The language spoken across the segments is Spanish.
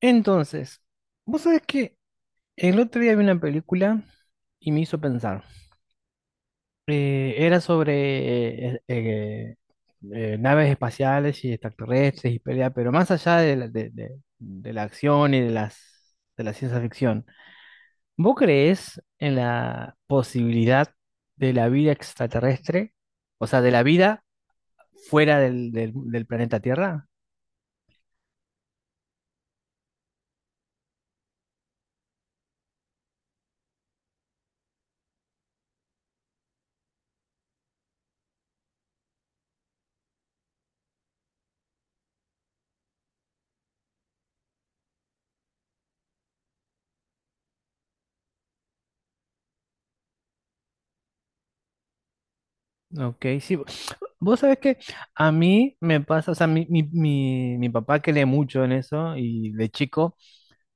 Entonces, vos sabés que el otro día vi una película y me hizo pensar. Era sobre naves espaciales y extraterrestres y pelea, pero más allá de de la acción y de de la ciencia ficción, ¿vos creés en la posibilidad de la vida extraterrestre? O sea, de la vida fuera del planeta Tierra. Ok, sí. Vos sabés que a mí me pasa, o sea, mi papá que lee mucho en eso y de chico,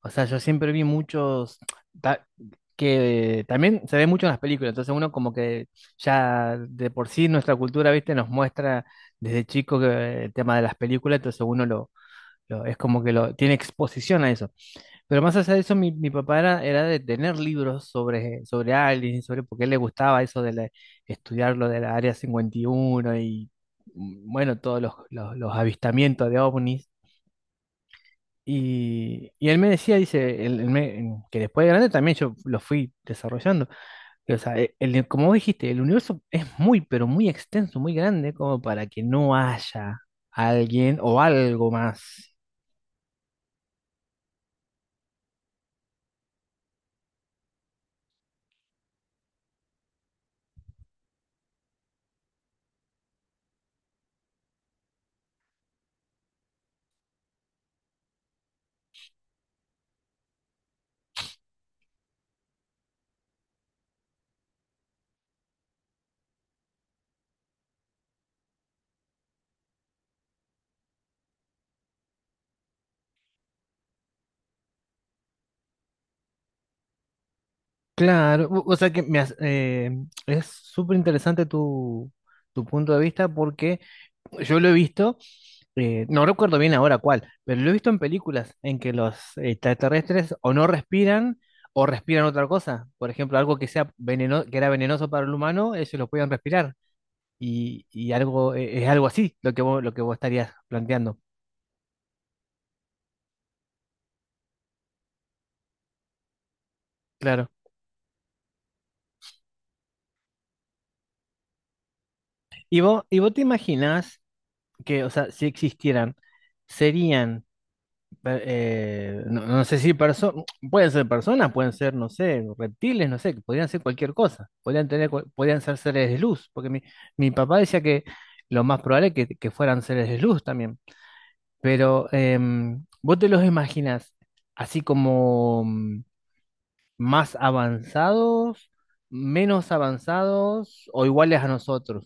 o sea, yo siempre vi muchos ta- que también se ve mucho en las películas, entonces uno como que ya de por sí nuestra cultura, viste, nos muestra desde chico que el tema de las películas, entonces uno es como que lo tiene exposición a eso. Pero más allá de eso, mi papá era de tener libros sobre aliens y sobre por qué le gustaba eso de estudiar lo de la Área 51 y uno y, bueno, todos los avistamientos de ovnis. Y él me decía, dice, que después de grande también yo lo fui desarrollando. Que, o sea, el, como vos dijiste, el universo es muy, pero muy extenso, muy grande, como para que no haya alguien o algo más. Claro, o sea que es súper interesante tu punto de vista porque yo lo he visto, no recuerdo bien ahora cuál, pero lo he visto en películas en que los extraterrestres o no respiran o respiran otra cosa. Por ejemplo, algo que sea veneno, que era venenoso para el humano, ellos lo podían respirar. Y algo, es algo así lo que vos estarías planteando. Claro. ¿Y vos te imaginás que, o sea, si existieran, serían? No, no sé si pueden ser personas, pueden ser, no sé, reptiles, no sé, que podrían ser cualquier cosa, podrían tener, podrían ser seres de luz, porque mi papá decía que lo más probable es que fueran seres de luz también, pero ¿vos te los imaginas así como más avanzados, menos avanzados o iguales a nosotros?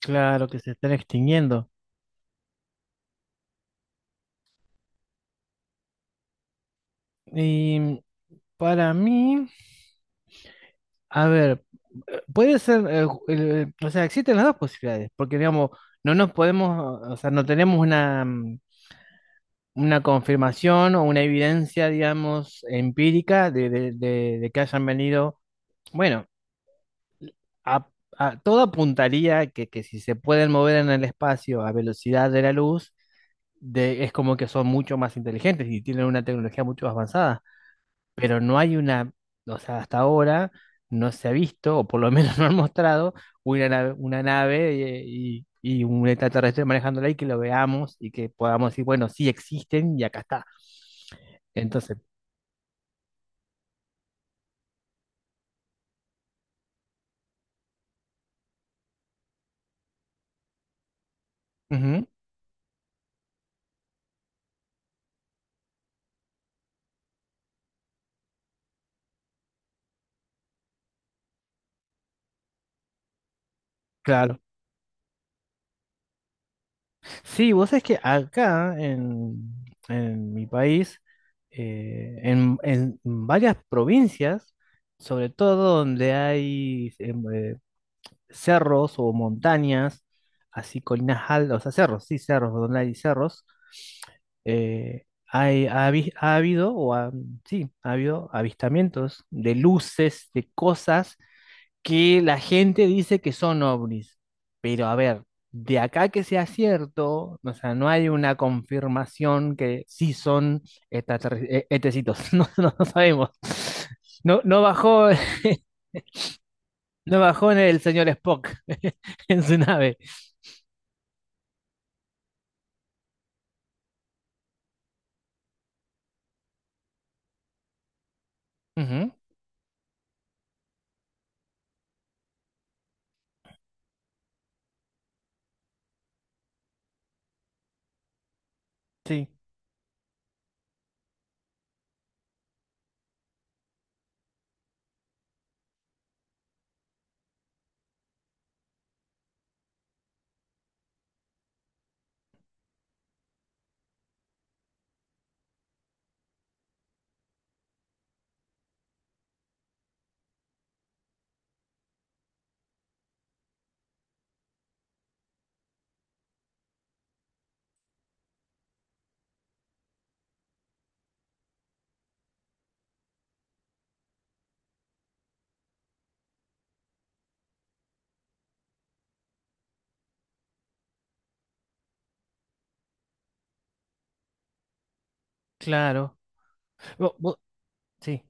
Claro que se están extinguiendo. Y para mí. A ver, puede ser, o sea, existen las dos posibilidades, porque digamos, no nos podemos, o sea, no tenemos una confirmación o una evidencia, digamos, empírica de que hayan venido. Bueno, a, todo apuntaría que si se pueden mover en el espacio a velocidad de la luz, es como que son mucho más inteligentes y tienen una tecnología mucho más avanzada. Pero no hay una, o sea, hasta ahora no se ha visto, o por lo menos no han mostrado, una nave y un extraterrestre manejándola y que lo veamos y que podamos decir, bueno, sí existen y acá está. Entonces, ujú, claro. Sí, vos sabés que acá en, mi país, en varias provincias, sobre todo donde hay cerros o montañas, así colinas altas, o sea, cerros, sí, cerros, donde hay cerros. Ha habido, sí, ha habido avistamientos de luces, de cosas que la gente dice que son ovnis. Pero a ver, de acá que sea cierto, o sea, no hay una confirmación que sí son etecitos, no, no, no sabemos. No, no bajó. No bajó en el señor Spock en su nave. Ujú. Sí, claro. Bo- bo- sí.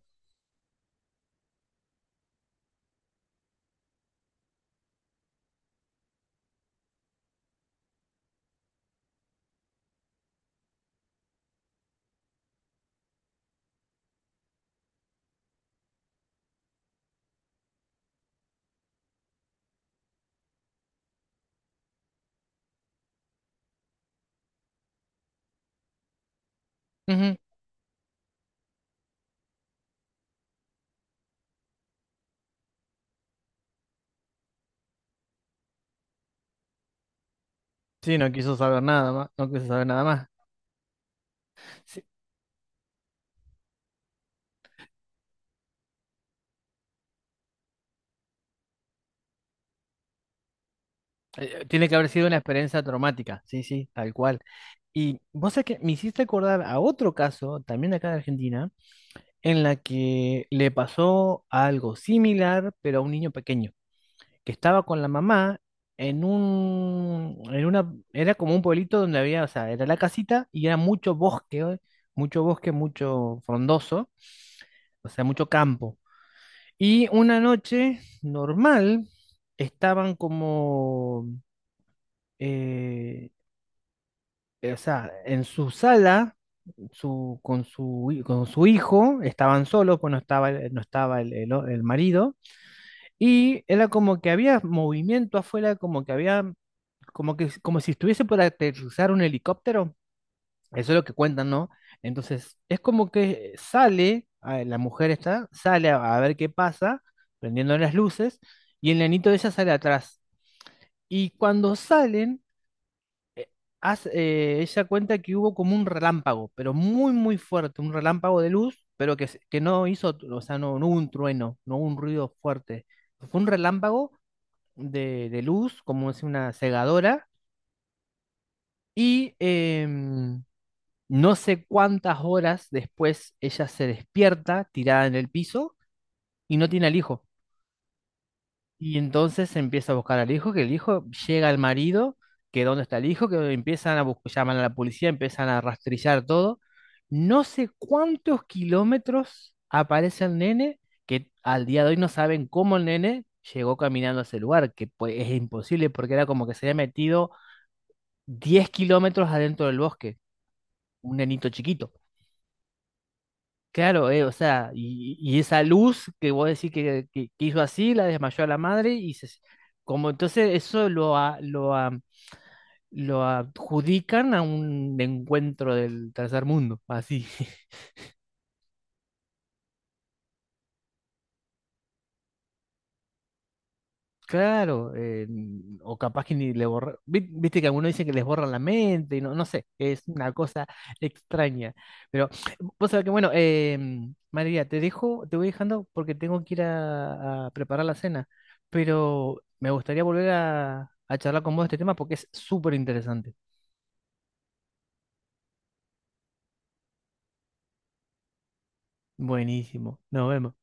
Ujú. Sí, no quiso saber nada más. No quiso saber nada más. Sí, tiene que haber sido una experiencia traumática. Sí, sí, tal cual. Y vos sabés que me hiciste acordar a otro caso, también de acá de Argentina, en la que le pasó algo similar, pero a un niño pequeño. Que estaba con la mamá en un, en una, era como un pueblito donde había, o sea, era la casita y era mucho bosque, ¿eh? Mucho bosque, mucho frondoso, o sea, mucho campo. Y una noche normal estaban como, eh, o sea, en su sala. Su, con su, hi- Con su hijo, estaban solos, pues no estaba, no estaba el marido, y era como que había movimiento afuera, como que había como que, como si estuviese por aterrizar un helicóptero. Eso es lo que cuentan, ¿no? Entonces, es como que sale, la mujer sale a ver qué pasa, prendiendo las luces, y el nenito de ella sale atrás. Y cuando salen, ella cuenta que hubo como un relámpago, pero muy, muy fuerte, un relámpago de luz, pero que, que no hizo, o sea, no hubo un trueno, no hubo un ruido fuerte. Fue un relámpago de, luz, como es una cegadora, y... em, no sé cuántas horas después ella se despierta tirada en el piso y no tiene al hijo. Y entonces empieza a buscar al hijo, que el hijo llega al marido, que dónde está el hijo, que empiezan a buscar, llaman a la policía, empiezan a rastrillar todo. No sé cuántos kilómetros aparece el nene, que al día de hoy no saben cómo el nene llegó caminando a ese lugar, que pues, es imposible porque era como que se había metido 10 kilómetros adentro del bosque, un nenito chiquito. Claro, o sea, y esa luz que vos decís que hizo así, la desmayó a la madre y como entonces eso lo adjudican a un encuentro del tercer mundo, así. Claro, o capaz que ni le borra. Viste que algunos dicen que les borran la mente, y no sé, es una cosa extraña. Pero vos sabés que, bueno, María, te dejo, te voy dejando porque tengo que ir a preparar la cena. Pero me gustaría volver a charlar con vos de este tema porque es súper interesante. Buenísimo, nos vemos.